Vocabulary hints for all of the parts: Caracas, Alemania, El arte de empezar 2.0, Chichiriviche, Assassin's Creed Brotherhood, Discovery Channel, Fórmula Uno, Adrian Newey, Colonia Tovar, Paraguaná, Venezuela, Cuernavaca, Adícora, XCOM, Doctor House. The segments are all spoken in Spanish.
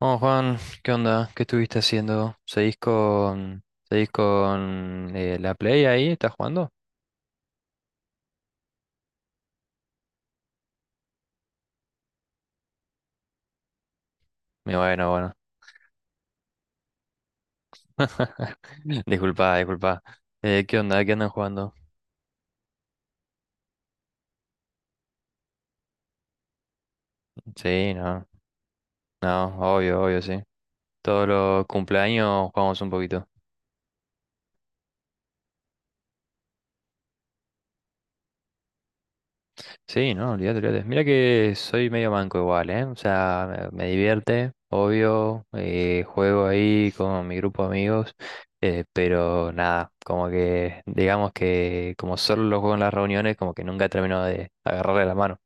Oh, Juan, ¿qué onda? ¿Qué estuviste haciendo? ¿Seguís con la Play ahí? ¿Estás jugando? Bueno, bueno. Disculpa, disculpa. ¿Qué onda? ¿Qué andan jugando? Sí, no, no, obvio, obvio, sí. Todos los cumpleaños jugamos un poquito. Sí, no, olvídate, olvídate. Mira que soy medio manco igual, ¿eh? O sea, me divierte, obvio, juego ahí con mi grupo de amigos, pero nada, como que, digamos que como solo lo juego en las reuniones, como que nunca termino de agarrarle la mano.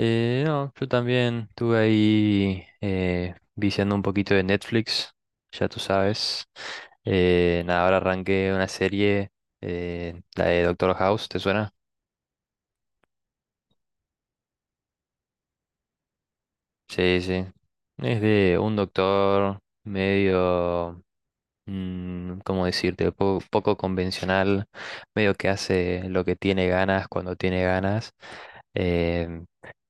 No, yo también estuve ahí viciando un poquito de Netflix, ya tú sabes. Nada, ahora arranqué una serie, la de Doctor House, ¿te suena? Sí, sí. Es de un doctor medio mm, ¿cómo decirte? Poco convencional, medio que hace lo que tiene ganas cuando tiene ganas. em,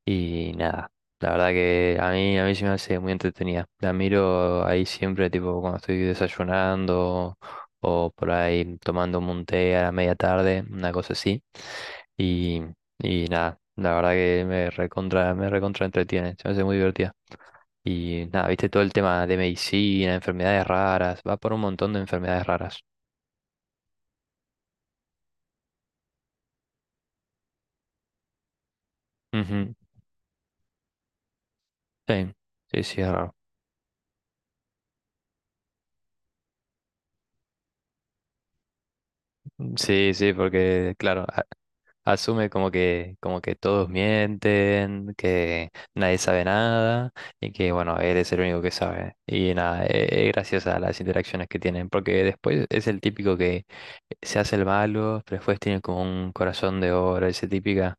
y nada, la verdad que a mí se me hace muy entretenida. La miro ahí siempre, tipo cuando estoy desayunando o por ahí tomando un té a la media tarde, una cosa así. Y, y nada, la verdad que me recontra entretiene, se me hace muy divertida. Y nada, viste todo el tema de medicina, enfermedades raras, va por un montón de enfermedades raras. Ujú. Sí, sí, sí, es raro. Sí, sí, porque claro, asume como que todos mienten, que nadie sabe nada y que bueno, él es el único que sabe. Y nada, es graciosa las interacciones que tienen, porque después es el típico que se hace el malo, pero después tiene como un corazón de oro, ese típica.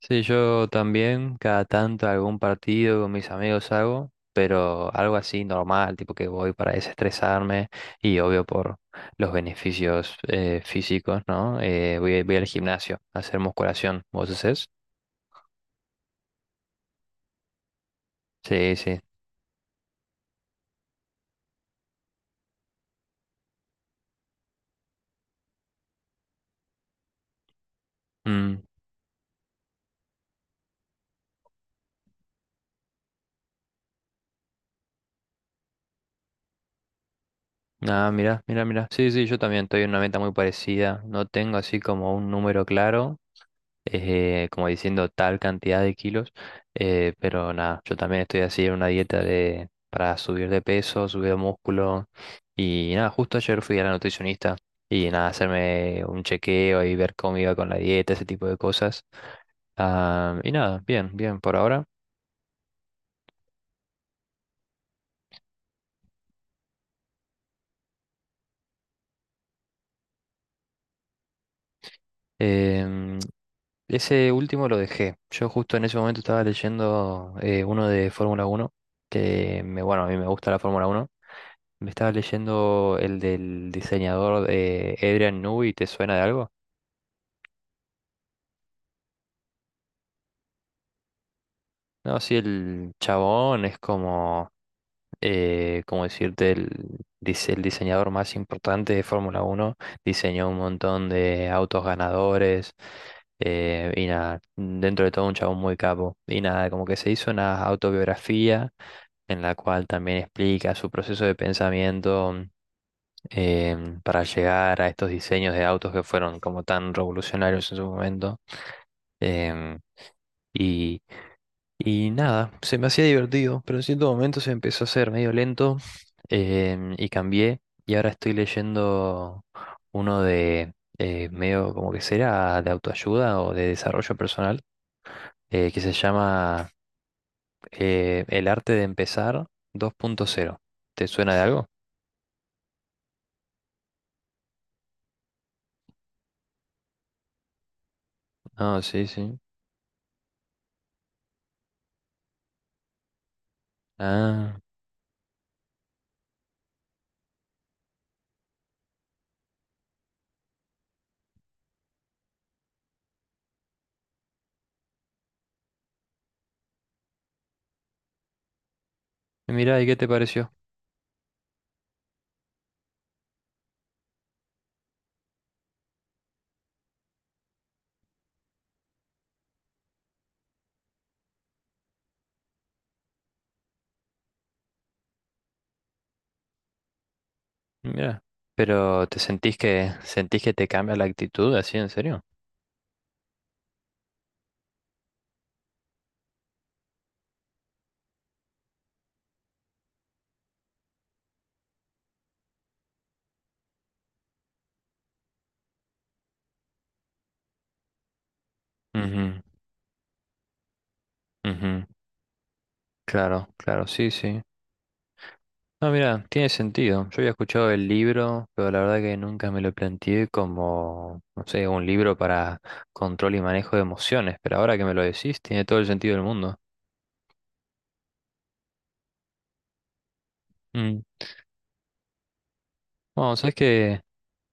Sí, yo también cada tanto algún partido con mis amigos hago, pero algo así normal, tipo que voy para desestresarme y obvio por los beneficios físicos, ¿no? Voy al gimnasio a hacer musculación. ¿Vos hacés? Sí, sí. Mm. Ah, mira, mira, mira. Sí, sí, yo también estoy en una meta muy parecida. No tengo así como un número claro, como diciendo tal cantidad de kilos, pero nada, yo también estoy así en una dieta de, para subir de peso, subir de músculo, y nada, justo ayer fui a la nutricionista y nada, hacerme un chequeo y ver cómo iba con la dieta, ese tipo de cosas. Ah, y nada, bien, bien por ahora. Em, Ese último lo dejé. Yo justo en ese momento estaba leyendo uno de Fórmula Uno que me, bueno, a mí me gusta la Fórmula Uno. Me estaba leyendo el del diseñador de Adrian Newey, ¿te suena de algo? No, sí, el chabón es como ¿cómo decirte? El diseñador más importante de Fórmula Uno, diseñó un montón de autos ganadores, y nada, dentro de todo un chabón muy capo. Y nada, como que se hizo una autobiografía en la cual también explica su proceso de pensamiento, para llegar a estos diseños de autos que fueron como tan revolucionarios en su momento. Em, y y nada, se me hacía divertido, pero en cierto momento se empezó a hacer medio lento, y cambié. Y ahora estoy leyendo uno de medio como que será de autoayuda o de desarrollo personal, que se llama El arte de empezar 2.0. ¿Te suena de algo? No, sí, sí. Ah, mira, ¿y qué te pareció? Mira, pero ¿te sentís que te cambia la actitud así en serio? Ujú, ujú. Claro, claro, sí, sí. No, mira, tiene sentido. Yo había escuchado el libro, pero la verdad que nunca me lo planteé como, no sé, un libro para control y manejo de emociones, pero ahora que me lo decís, tiene todo el sentido del mundo. Mm. Bueno, sabes que,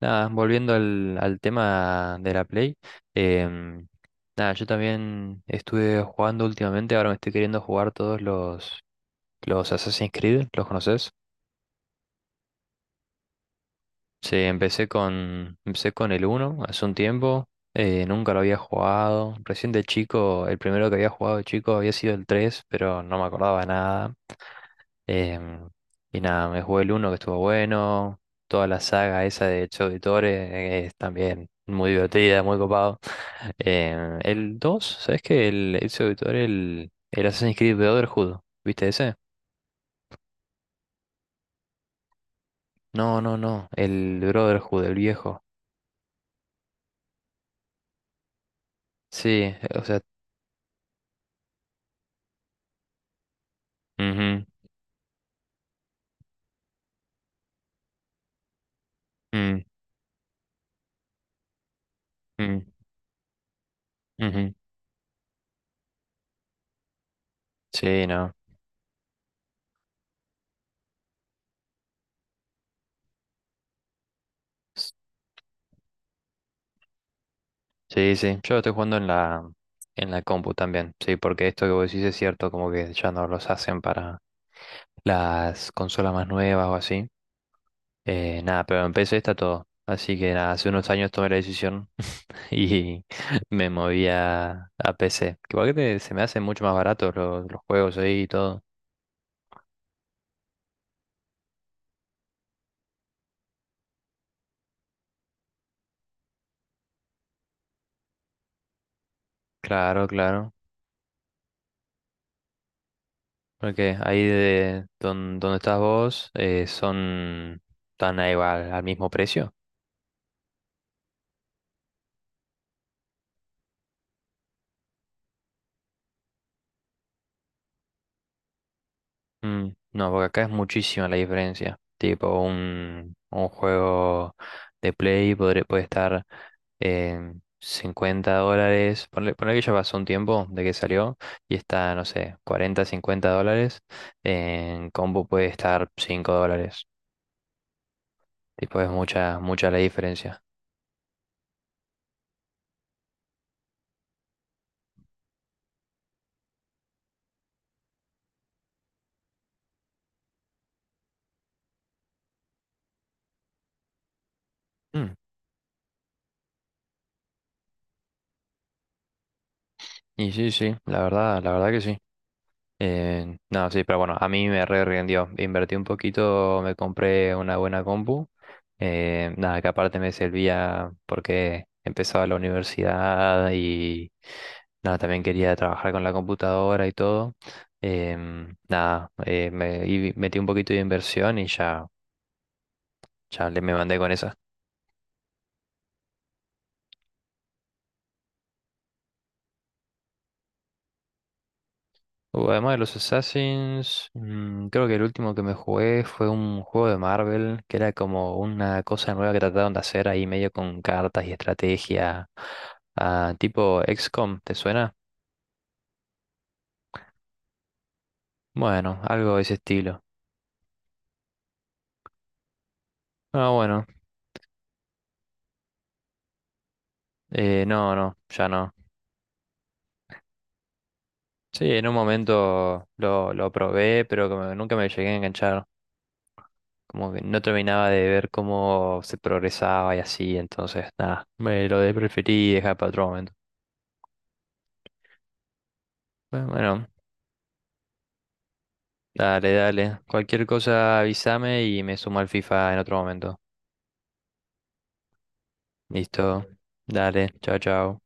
nada, volviendo al tema de la Play, em, nada, yo también estuve jugando últimamente, ahora me estoy queriendo jugar los Assassin's Creed, ¿los conoces? Sí, empecé con el uno hace un tiempo. Nunca lo había jugado. Recién de chico, el primero que había jugado de chico había sido el 3, pero no me acordaba nada. em, y nada, me jugué el uno que estuvo bueno. Toda la saga esa de Chouditore es también muy divertida, muy copado. El 2, ¿sabes qué? El Chouditore, el Assassin's Creed Brotherhood, ¿viste ese? No, no, no, el Brotherhood, el viejo. Sí, o sea, ujú, mm. Mm, ujú. Sí, no. S- sí, sí. Yo lo estoy jugando en en la compu también. Sí, porque esto que vos decís es cierto, como que ya no los hacen para las consolas más nuevas o así. Nada, pero en P C está todo. Así que nada, hace unos años tomé la decisión y me moví a PC. Que igual se me hacen mucho más baratos los juegos ahí y todo. Claro, claro. Porque ahí de donde estás vos son tan igual al mismo precio. Mm. No, porque acá es muchísima la diferencia. Tipo, un juego de Play puede estar en 50 dólares. Ponle que ya pasó un tiempo de que salió y está, no sé, 40 50 dólares. En combo puede estar 5 dólares. Tipo, es mucha, mucha la diferencia. Mm. Y sí, sí, la verdad que sí. No, sí, pero bueno, a mí me re rindió. Invertí un poquito, me compré una buena compu. Nada, que aparte me servía porque empezaba la universidad y nada, también quería trabajar con la computadora y todo. Em, nada, me y metí un poquito de inversión y ya le me mandé con eso. Además de los Assassins, mm, creo que el último que me jugué fue un juego de Marvel, que era como una cosa nueva que trataron de hacer ahí medio con cartas y estrategia, ah, tipo XCOM, ¿te suena? Bueno, algo de ese estilo. Ah, bueno, no, no, ya no. Sí, en un momento lo probé, pero como que nunca me llegué a enganchar. Como que no terminaba de ver cómo se progresaba y así, entonces nada, me lo preferí dejar para otro momento. Bueno, bueno. Dale, dale. Cualquier cosa avísame y me sumo al FIFA en otro momento. Listo. Dale, chao, chao.